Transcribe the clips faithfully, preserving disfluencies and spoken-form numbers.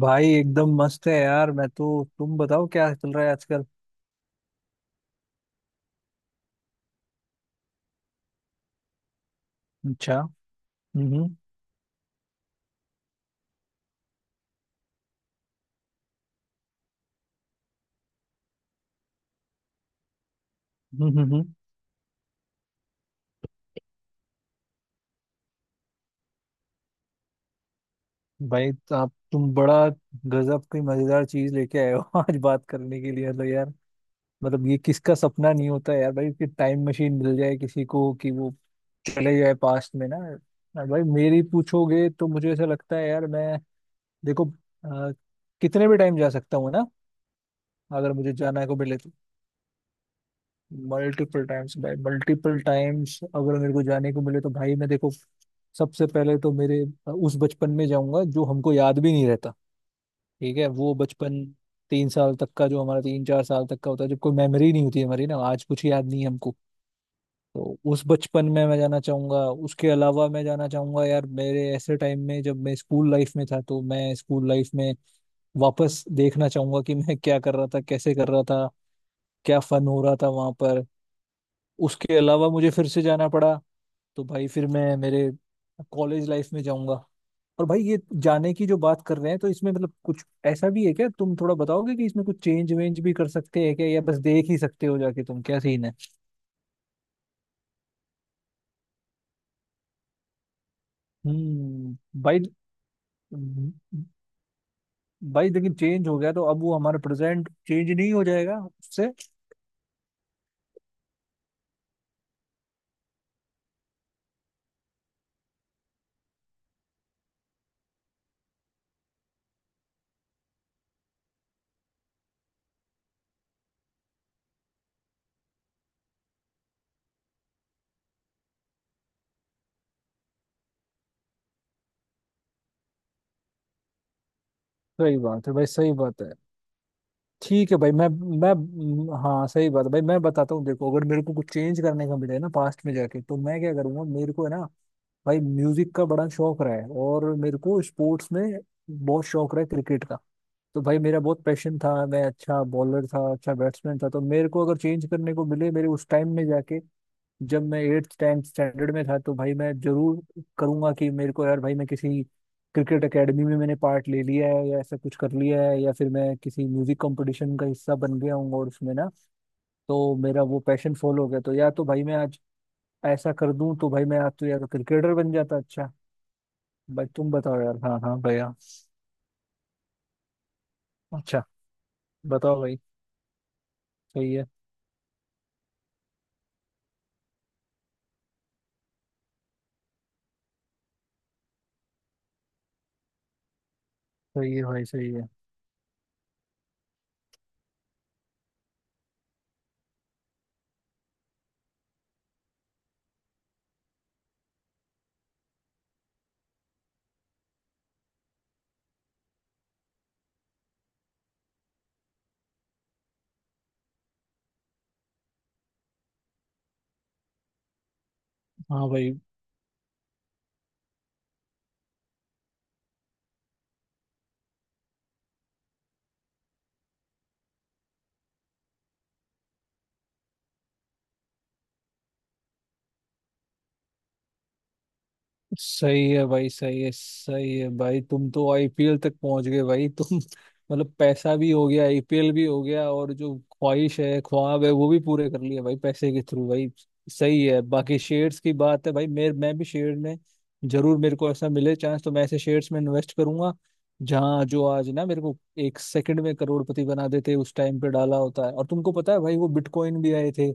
भाई एकदम मस्त है यार। मैं तो, तुम बताओ क्या चल रहा है आजकल। अच्छा। हम्म हम्म हम्म हम्म। भाई तो आप, तुम बड़ा गजब की मजेदार चीज लेके आए हो आज बात करने के लिए। मतलब यार, मतलब ये किसका सपना नहीं होता है यार भाई कि टाइम मशीन मिल जाए किसी को, कि वो चले जाए पास्ट में ना। और भाई, मेरी पूछोगे तो मुझे ऐसा लगता है यार, मैं देखो, अ, कितने भी टाइम जा सकता हूँ ना, अगर मुझे जाना को मिले तो। मल्टीपल टाइम्स भाई, मल्टीपल टाइम्स, अगर मेरे को जाने को मिले तो भाई मैं देखो, सबसे पहले तो मेरे उस बचपन में जाऊंगा जो हमको याद भी नहीं रहता। ठीक है, वो बचपन तीन साल तक का, जो हमारा तीन चार साल तक का होता है, जब कोई मेमोरी नहीं होती हमारी ना, आज कुछ याद नहीं है हमको। तो उस बचपन में मैं जाना चाहूंगा। उसके अलावा मैं जाना चाहूंगा यार, मेरे ऐसे टाइम में जब मैं स्कूल लाइफ में था, तो मैं स्कूल लाइफ में वापस देखना चाहूंगा कि मैं क्या कर रहा था, कैसे कर रहा था, क्या फन हो रहा था वहां पर। उसके अलावा मुझे फिर से जाना पड़ा तो भाई फिर मैं मेरे कॉलेज लाइफ में जाऊंगा। और भाई, ये जाने की जो बात कर रहे हैं, तो इसमें मतलब कुछ ऐसा भी है क्या, तुम थोड़ा बताओगे कि इसमें कुछ चेंज वेंज भी कर सकते हैं क्या, या बस देख ही सकते हो जाके तुम क्या सीन है। हम्म भाई। भाई लेकिन चेंज हो गया तो अब वो हमारा प्रेजेंट चेंज नहीं हो जाएगा उससे? सही बात है भाई, सही बात है। ठीक है भाई। मैं मैं म, हाँ, सही बात है भाई, मैं बताता हूँ। देखो, अगर मेरे को कुछ चेंज करने का मिले ना पास्ट में जाके, तो मैं क्या करूंगा मेरे को है ना, भाई म्यूजिक का बड़ा शौक रहा है, और मेरे को स्पोर्ट्स में बहुत शौक रहा है क्रिकेट का। तो भाई मेरा बहुत पैशन था, मैं अच्छा बॉलर था, अच्छा बैट्समैन था। तो मेरे को अगर चेंज करने को मिले मेरे उस टाइम में जाके, जब मैं एट्थ टेंथ स्टैंडर्ड में था, तो भाई मैं जरूर करूंगा कि मेरे को, यार भाई मैं किसी क्रिकेट एकेडमी में मैंने पार्ट ले लिया है, या ऐसा कुछ कर लिया है, या फिर मैं किसी म्यूजिक कंपटीशन का हिस्सा बन गया हूँ, और उसमें ना, तो मेरा वो पैशन फॉलो हो गया, तो या तो भाई मैं आज ऐसा कर दूं तो भाई मैं आज तो यार क्रिकेटर बन जाता। अच्छा भाई, तुम बताओ यार। हाँ हाँ भैया। अच्छा। बताओ भाई। सही है, सही है भाई, सही है। हाँ भाई। सही है भाई, सही है, सही है भाई। तुम तो आईपीएल तक पहुंच गए भाई। तुम, मतलब पैसा भी हो गया, आईपीएल भी हो गया, और जो ख्वाहिश है, ख्वाब है वो भी पूरे कर लिए भाई पैसे के थ्रू भाई। सही है। बाकी शेयर्स की बात है भाई, मेरे मैं भी शेयर में जरूर, मेरे को ऐसा मिले चांस तो मैं ऐसे शेयर्स में इन्वेस्ट करूंगा जहाँ, जो आज ना मेरे को एक सेकंड में करोड़पति बना देते, उस टाइम पे डाला होता है। और तुमको पता है भाई वो बिटकॉइन भी आए थे,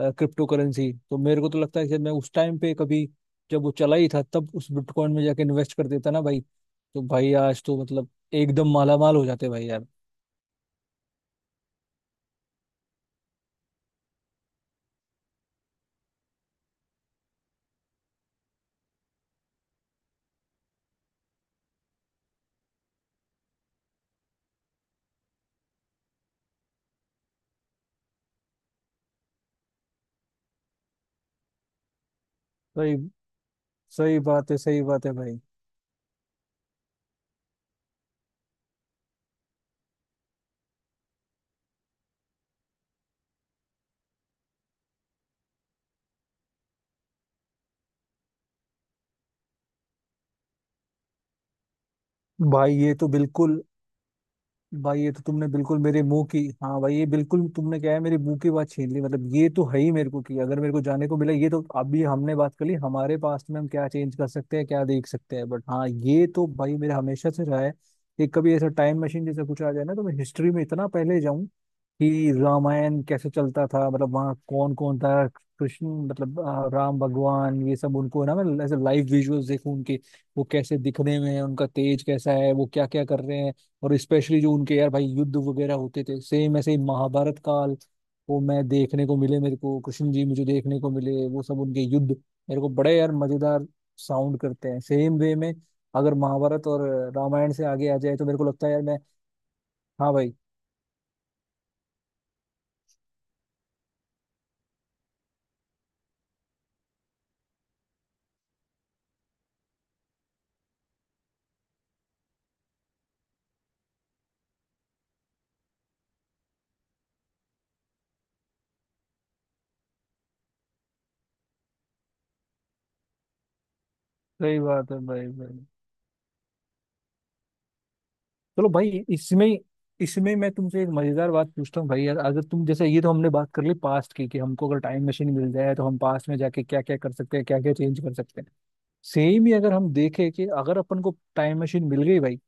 क्रिप्टो करेंसी। तो मेरे को तो लगता है शायद मैं उस टाइम पे कभी, जब वो चला ही था तब उस बिटकॉइन में जाके इन्वेस्ट कर देता ना भाई, तो भाई आज तो मतलब एकदम मालामाल हो जाते भाई यार। सही सही बात है, सही बात है भाई। भाई ये तो बिल्कुल, भाई ये तो तुमने बिल्कुल मेरे मुंह की, हाँ भाई ये बिल्कुल तुमने क्या है, मेरे मुंह की बात छीन ली। मतलब ये तो है ही मेरे को कि अगर मेरे को जाने को मिला, ये तो अभी हमने बात कर ली हमारे पास में हम क्या चेंज कर सकते हैं, क्या देख सकते हैं, बट हाँ ये तो भाई मेरा हमेशा से रहा है कि कभी ऐसा टाइम मशीन जैसा कुछ आ जाए ना, तो मैं हिस्ट्री में इतना पहले जाऊं कि रामायण कैसे चलता था, मतलब वहाँ कौन कौन था। कृष्ण, मतलब आ, राम भगवान, ये सब उनको ना मैं ऐसे लाइव विजुअल्स देखूं उनके, वो कैसे दिखने में हैं, उनका तेज कैसा है, वो क्या क्या कर रहे हैं। और स्पेशली जो उनके यार भाई युद्ध वगैरह होते थे, सेम ऐसे ही महाभारत काल, वो मैं देखने को मिले, मेरे को कृष्ण जी मुझे देखने को मिले, वो सब उनके युद्ध मेरे को बड़े यार मजेदार साउंड करते हैं। सेम वे में अगर महाभारत और रामायण से आगे आ जाए तो मेरे को लगता है यार मैं। हाँ भाई। सही बात है भाई। भाई चलो भाई, इसमें, इसमें मैं तुमसे एक मजेदार बात पूछता हूँ भाई यार, अगर तुम, जैसे ये तो हमने बात कर ली पास्ट की कि हमको अगर टाइम मशीन मिल जाए तो हम पास्ट में जाके क्या क्या कर सकते हैं, क्या क्या चेंज कर सकते हैं, सेम ही अगर हम देखें कि अगर अपन को टाइम मशीन मिल गई भाई,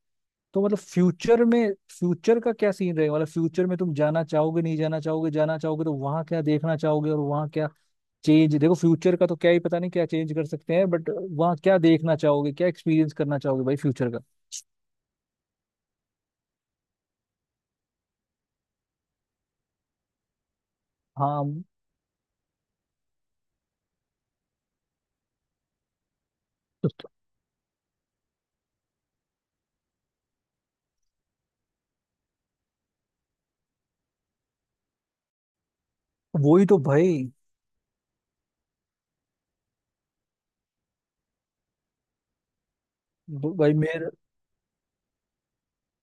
तो मतलब फ्यूचर में, फ्यूचर का क्या सीन रहेगा, मतलब फ्यूचर में तुम जाना चाहोगे, नहीं जाना चाहोगे, जाना चाहोगे तो वहां क्या देखना चाहोगे, और वहां क्या चेंज, देखो फ्यूचर का तो क्या ही पता नहीं क्या चेंज कर सकते हैं, बट वहां क्या देखना चाहोगे, क्या एक्सपीरियंस करना चाहोगे भाई फ्यूचर का। हाँ। तो, तो वही तो भाई। भाई मेरे,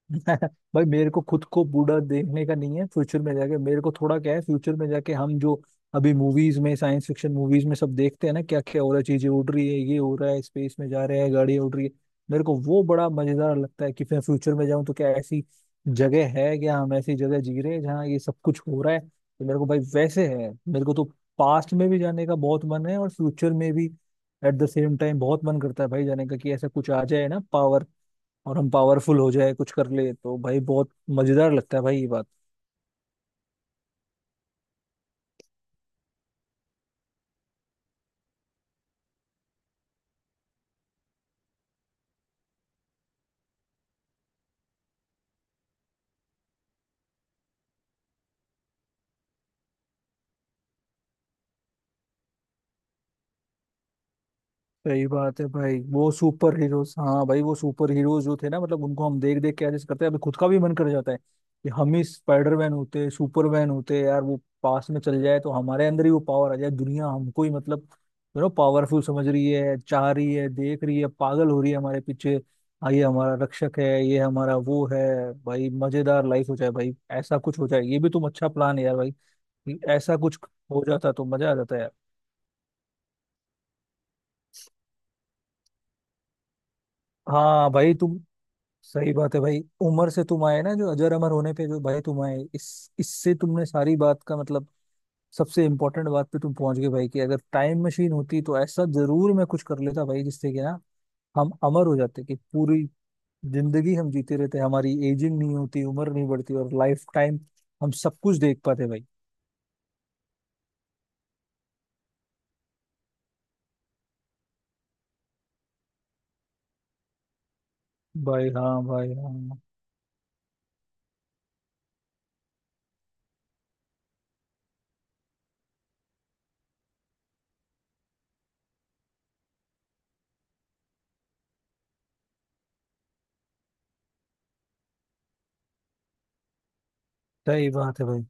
भाई मेरे को खुद को बूढ़ा देखने का नहीं है फ्यूचर में जाके, मेरे को थोड़ा क्या है, फ्यूचर में जाके हम जो अभी मूवीज में, साइंस फिक्शन मूवीज में सब देखते हैं ना, क्या क्या हो रहा है, चीजें उड़ रही है, ये हो रहा है, स्पेस में जा रहे हैं, गाड़ियां उड़ रही है, मेरे को वो बड़ा मजेदार लगता है कि फिर फ्यूचर में जाऊं तो क्या ऐसी जगह है, क्या हम ऐसी जगह जी रहे हैं जहाँ ये सब कुछ हो रहा है। तो मेरे को भाई, वैसे है मेरे को तो पास्ट में भी जाने का बहुत मन है और फ्यूचर में भी, एट द सेम टाइम बहुत मन करता है भाई जाने का कि ऐसा कुछ आ जाए ना पावर, और हम पावरफुल हो जाए कुछ कर ले, तो भाई बहुत मजेदार लगता है भाई ये बात। सही बात है भाई, वो सुपर हीरोज, हाँ भाई वो सुपर हीरोज जो थे ना, मतलब उनको हम देख देख के ऐसे करते हैं अभी, खुद का भी मन कर जाता है कि हम ही स्पाइडरमैन होते, सुपरमैन होते यार, वो पास में चल जाए तो हमारे अंदर ही वो पावर आ जाए, दुनिया हमको ही मतलब, यू नो पावरफुल समझ रही है, चाह रही है, देख रही है, पागल हो रही है हमारे पीछे, हाँ ये हमारा रक्षक है, ये हमारा वो है, भाई मजेदार लाइफ हो जाए भाई ऐसा कुछ हो जाए, ये भी तुम अच्छा प्लान है यार भाई कि ऐसा कुछ हो जाता तो मजा आ जाता यार। हाँ भाई। तुम सही बात है भाई, उम्र से तुम आए ना, जो अजर अमर होने पे जो भाई तुम आए, इस इससे तुमने सारी बात का मतलब सबसे इम्पोर्टेंट बात पे तुम पहुंच गए भाई, कि अगर टाइम मशीन होती तो ऐसा जरूर मैं कुछ कर लेता भाई जिससे कि ना हम अमर हो जाते कि पूरी जिंदगी हम जीते रहते, हमारी एजिंग नहीं होती, उम्र नहीं बढ़ती, और लाइफ टाइम हम सब कुछ देख पाते भाई। भाई हाँ भाई, हाँ, सही बात है भाई।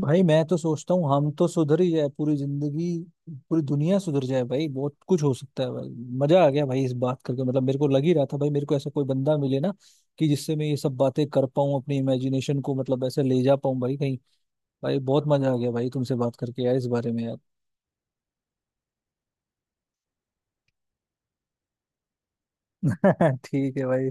भाई मैं तो सोचता हूँ हम तो सुधर ही जाए, पूरी जिंदगी पूरी दुनिया सुधर जाए भाई, बहुत कुछ हो सकता है भाई। मजा आ गया भाई इस बात करके, मतलब मेरे को लग ही रहा था भाई, मेरे को ऐसा कोई बंदा मिले ना कि जिससे मैं ये सब बातें कर पाऊँ, अपनी इमेजिनेशन को मतलब ऐसे ले जा पाऊँ भाई कहीं, भाई बहुत मजा आ गया भाई तुमसे बात करके यार इस बारे में यार। ठीक है भाई।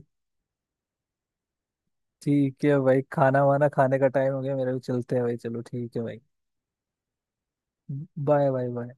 ठीक है भाई, खाना वाना खाने का टाइम हो गया मेरा भी, चलते हैं भाई। चलो ठीक है भाई, बाय बाय बाय।